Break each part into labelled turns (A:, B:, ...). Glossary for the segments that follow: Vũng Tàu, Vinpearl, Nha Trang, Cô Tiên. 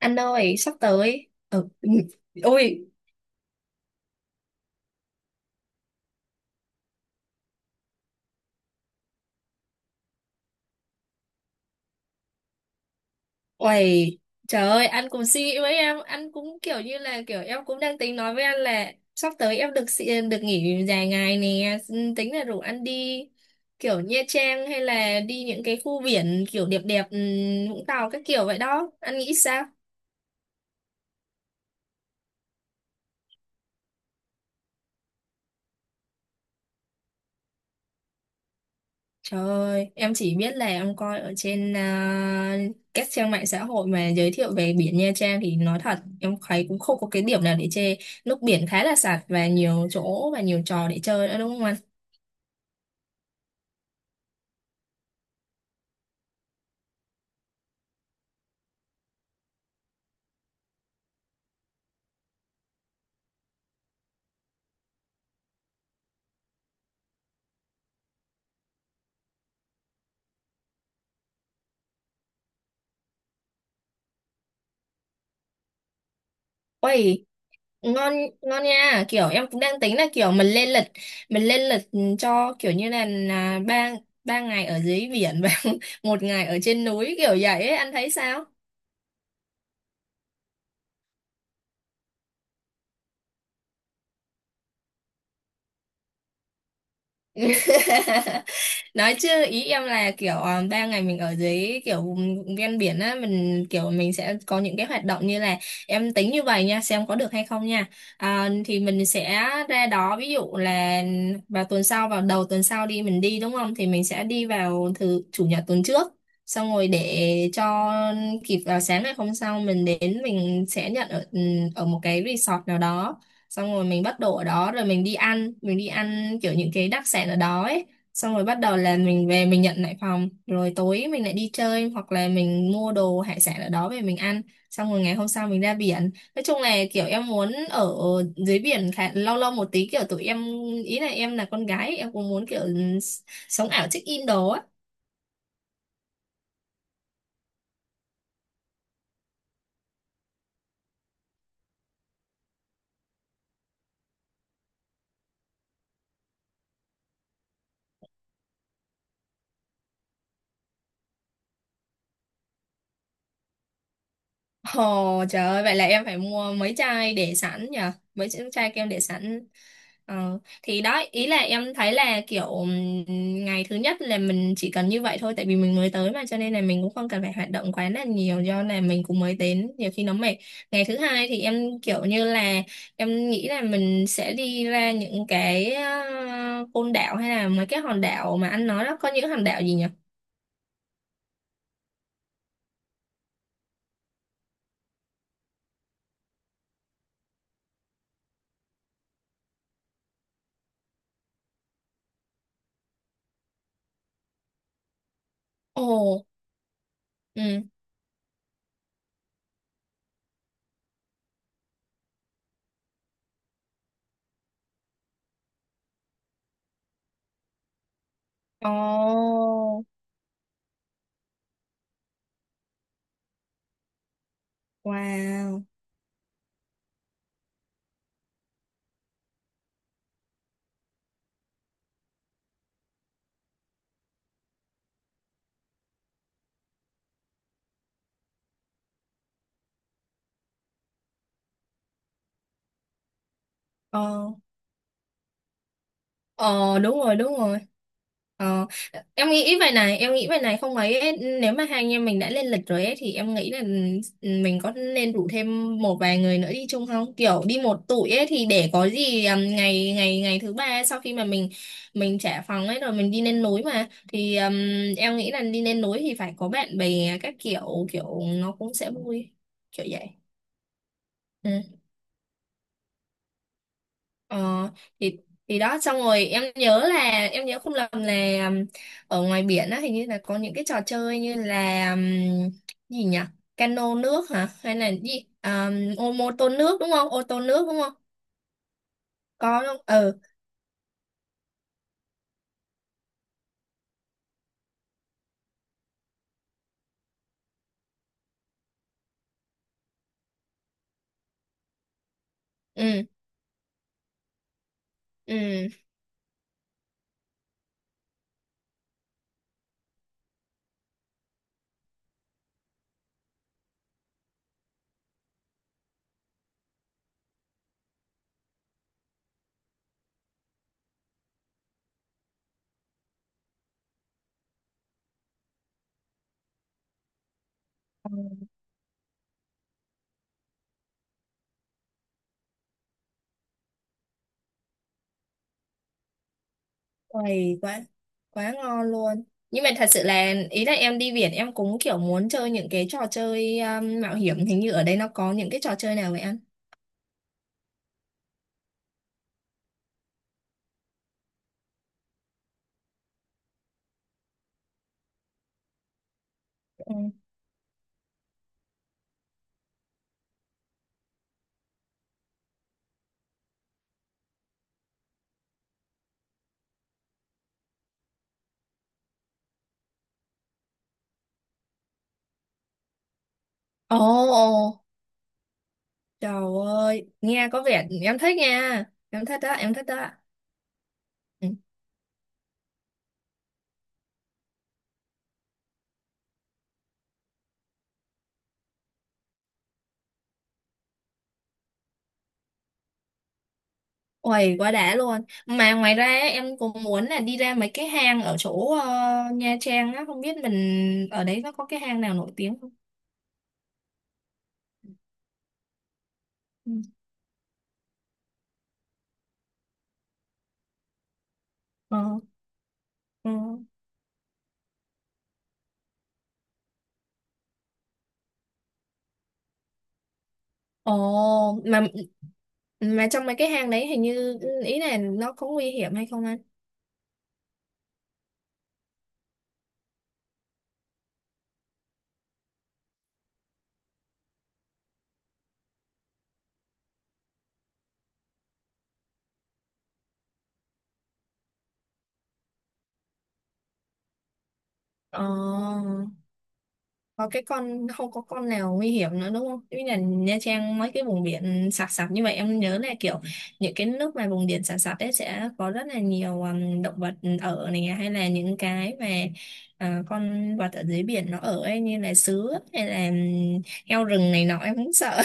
A: Anh ơi, sắp tới. Ừ. Ôi, uầy, trời ơi, anh cũng suy nghĩ với em, anh cũng kiểu như là kiểu em cũng đang tính nói với anh là sắp tới em được nghỉ dài ngày nè. Ừ, tính là rủ anh đi kiểu Nha Trang hay là đi những cái khu biển kiểu đẹp đẹp, Vũng Tàu các kiểu vậy đó. Anh nghĩ sao? Trời ơi, em chỉ biết là em coi ở trên à, các trang mạng xã hội mà giới thiệu về biển Nha Trang thì nói thật em thấy cũng không có cái điểm nào để chê. Nước biển khá là sạch và nhiều chỗ và nhiều trò để chơi nữa, đúng không anh? Ôi, ngon, ngon nha. Kiểu em cũng đang tính là kiểu mình lên lịch, cho kiểu như là ba ba ngày ở dưới biển và một ngày ở trên núi kiểu vậy ấy, anh thấy sao? Nói chứ ý em là kiểu 3 ngày mình ở dưới kiểu vùng ven biển á, mình kiểu mình sẽ có những cái hoạt động như là, em tính như vậy nha, xem có được hay không nha. À, thì mình sẽ ra đó, ví dụ là vào tuần sau, vào đầu tuần sau đi, mình đi đúng không, thì mình sẽ đi vào thứ chủ nhật tuần trước, xong rồi để cho kịp vào sáng ngày hôm sau mình đến, mình sẽ nhận ở một cái resort nào đó. Xong rồi mình bắt đồ ở đó rồi mình đi ăn, mình đi ăn kiểu những cái đặc sản ở đó ấy. Xong rồi bắt đầu là mình về, mình nhận lại phòng rồi tối mình lại đi chơi, hoặc là mình mua đồ hải sản ở đó về mình ăn. Xong rồi ngày hôm sau mình ra biển. Nói chung là kiểu em muốn ở dưới biển khá lâu lâu một tí, kiểu tụi em, ý là em là con gái em cũng muốn kiểu sống ảo check in đồ á. Ồ trời ơi, vậy là em phải mua mấy chai để sẵn nhờ, mấy chai chai kem để sẵn. Ờ, thì đó, ý là em thấy là kiểu ngày thứ nhất là mình chỉ cần như vậy thôi, tại vì mình mới tới mà, cho nên là mình cũng không cần phải hoạt động quá là nhiều, do là mình cũng mới đến nhiều khi nó mệt. Ngày thứ hai thì em kiểu như là, em nghĩ là mình sẽ đi ra những cái côn đảo, hay là mấy cái hòn đảo mà anh nói đó, có những hòn đảo gì nhỉ? Ồ. Ừ. Ồ. Wow. Ờ. Ờ, đúng rồi, đúng rồi. ờ, Em nghĩ vậy này, không ấy ấy, nếu mà hai anh em mình đã lên lịch rồi ấy, thì em nghĩ là, ừ, mình có nên rủ thêm một vài người nữa đi chung không, kiểu đi một tụi ấy thì để có gì. Ngày ngày ngày thứ ba, sau khi mà mình trả phòng ấy rồi mình đi lên núi mà thì em nghĩ là đi lên núi thì phải có bạn bè các kiểu, kiểu nó cũng sẽ vui, kiểu vậy. Ừ. Ờ, thì thì đó, xong rồi em nhớ là, em nhớ không lầm là ở ngoài biển á hình như là có những cái trò chơi như là gì nhỉ, cano nước hả, hay là gì, ô mô tô nước đúng không, ô tô nước đúng không, có không? Ừ. Ừ. Ừ. Uầy, quá quá ngon luôn. Nhưng mà thật sự là ý là em đi biển em cũng kiểu muốn chơi những cái trò chơi mạo hiểm, hình như ở đây nó có những cái trò chơi nào vậy anh? Ừ. Ồ. Trời ơi, nghe có vẻ em thích nha. Em thích đó, em thích đó. Ừ. Uầy, quá đã luôn. Mà ngoài ra á, em cũng muốn là đi ra mấy cái hang ở chỗ Nha Trang á, không biết mình ở đấy nó có cái hang nào nổi tiếng không? Ừ. Ờ, ờ. Ồ, mà trong mấy cái hang đấy hình như, ý là nó có nguy hiểm hay không anh? Ờ. Có cái con, không có con nào nguy hiểm nữa đúng không? Như là Nha Trang mấy cái vùng biển sạt sạt như vậy, em nhớ là kiểu những cái nước mà vùng biển sạt sạt ấy sẽ có rất là nhiều động vật ở này, à, hay là những cái mà, à, con vật ở dưới biển nó ở ấy, như là sứa hay là heo rừng này nọ, em cũng sợ.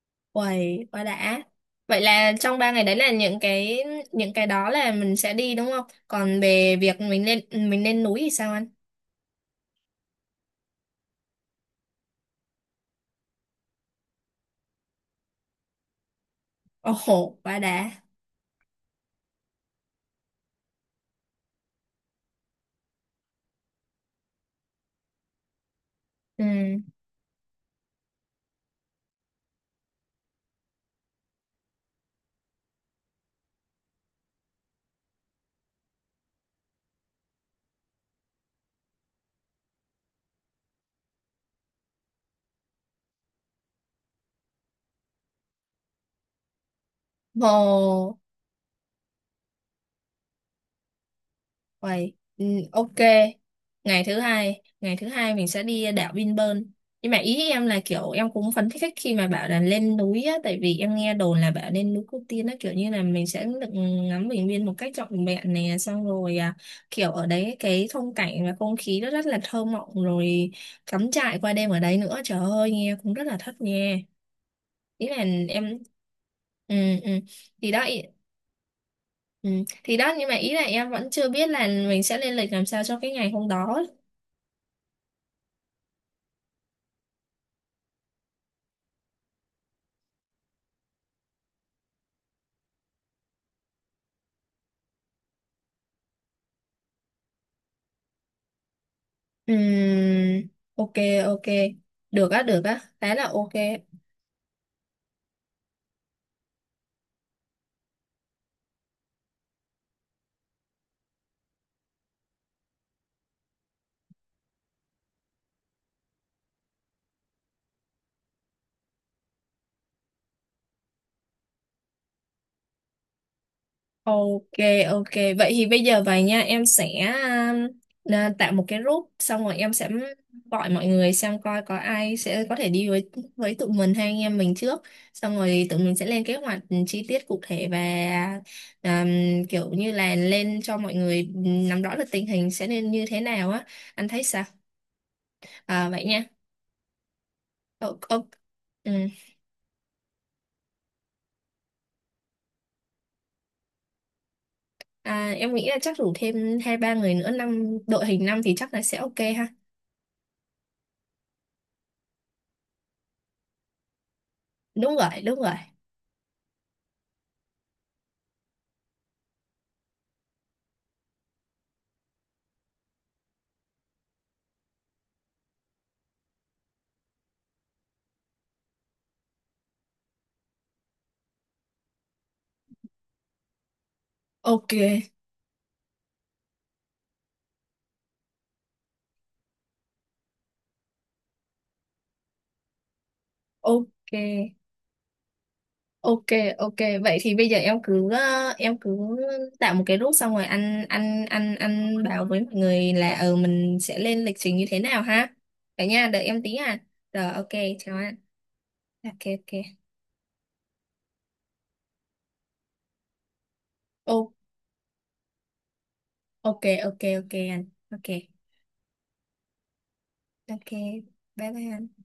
A: Uầy, quá đã. Vậy là trong 3 ngày đấy là những cái đó là mình sẽ đi đúng không? Còn về việc mình lên núi thì sao anh? Ồ, quá đã. Ừ. Ồ. Vậy, ừ, ok. Ngày thứ hai mình sẽ đi đảo Vinpearl. Nhưng mà ý em là kiểu em cũng phấn khích khi mà bảo là lên núi á, tại vì em nghe đồn là bảo lên núi Cô Tiên á, kiểu như là mình sẽ được ngắm bình nguyên một cách trọn vẹn nè, xong rồi à, kiểu ở đấy cái phong cảnh và không khí nó rất là thơ mộng, rồi cắm trại qua đêm ở đấy nữa, trời ơi nghe cũng rất là thất nha. Ý là em, ừ, ừ. Thì đó. Ừ. Thì đó, nhưng mà ý là em vẫn chưa biết là mình sẽ lên lịch làm sao cho cái ngày hôm đó. Ừ. Ok, ok. Được á, được á. Thế là ok. Ok, ok. Vậy thì bây giờ vậy nha, em sẽ tạo một cái group xong rồi em sẽ gọi mọi người xem coi có ai sẽ có thể đi với tụi mình hay anh em mình trước. Xong rồi tụi mình sẽ lên kế hoạch chi tiết cụ thể và um, kiểu như là lên cho mọi người nắm rõ được tình hình sẽ nên như thế nào á. Anh thấy sao? À vậy nha. Ờ, ok. Ừ. À, em nghĩ là chắc rủ thêm hai ba người nữa, năm, đội hình năm thì chắc là sẽ ok ha. Đúng rồi, đúng rồi. Ok, ok, ok, ok. Vậy thì bây giờ em cứ, em cứ tạo một cái group xong rồi anh bảo với mọi người là mình sẽ lên lịch trình như thế nào ha. Vậy nha, đợi em tí à. Rồi ok, chào anh. Ok, ok. Ô, ok, ok, ok anh. Ok. Ok. Bye bye, anh.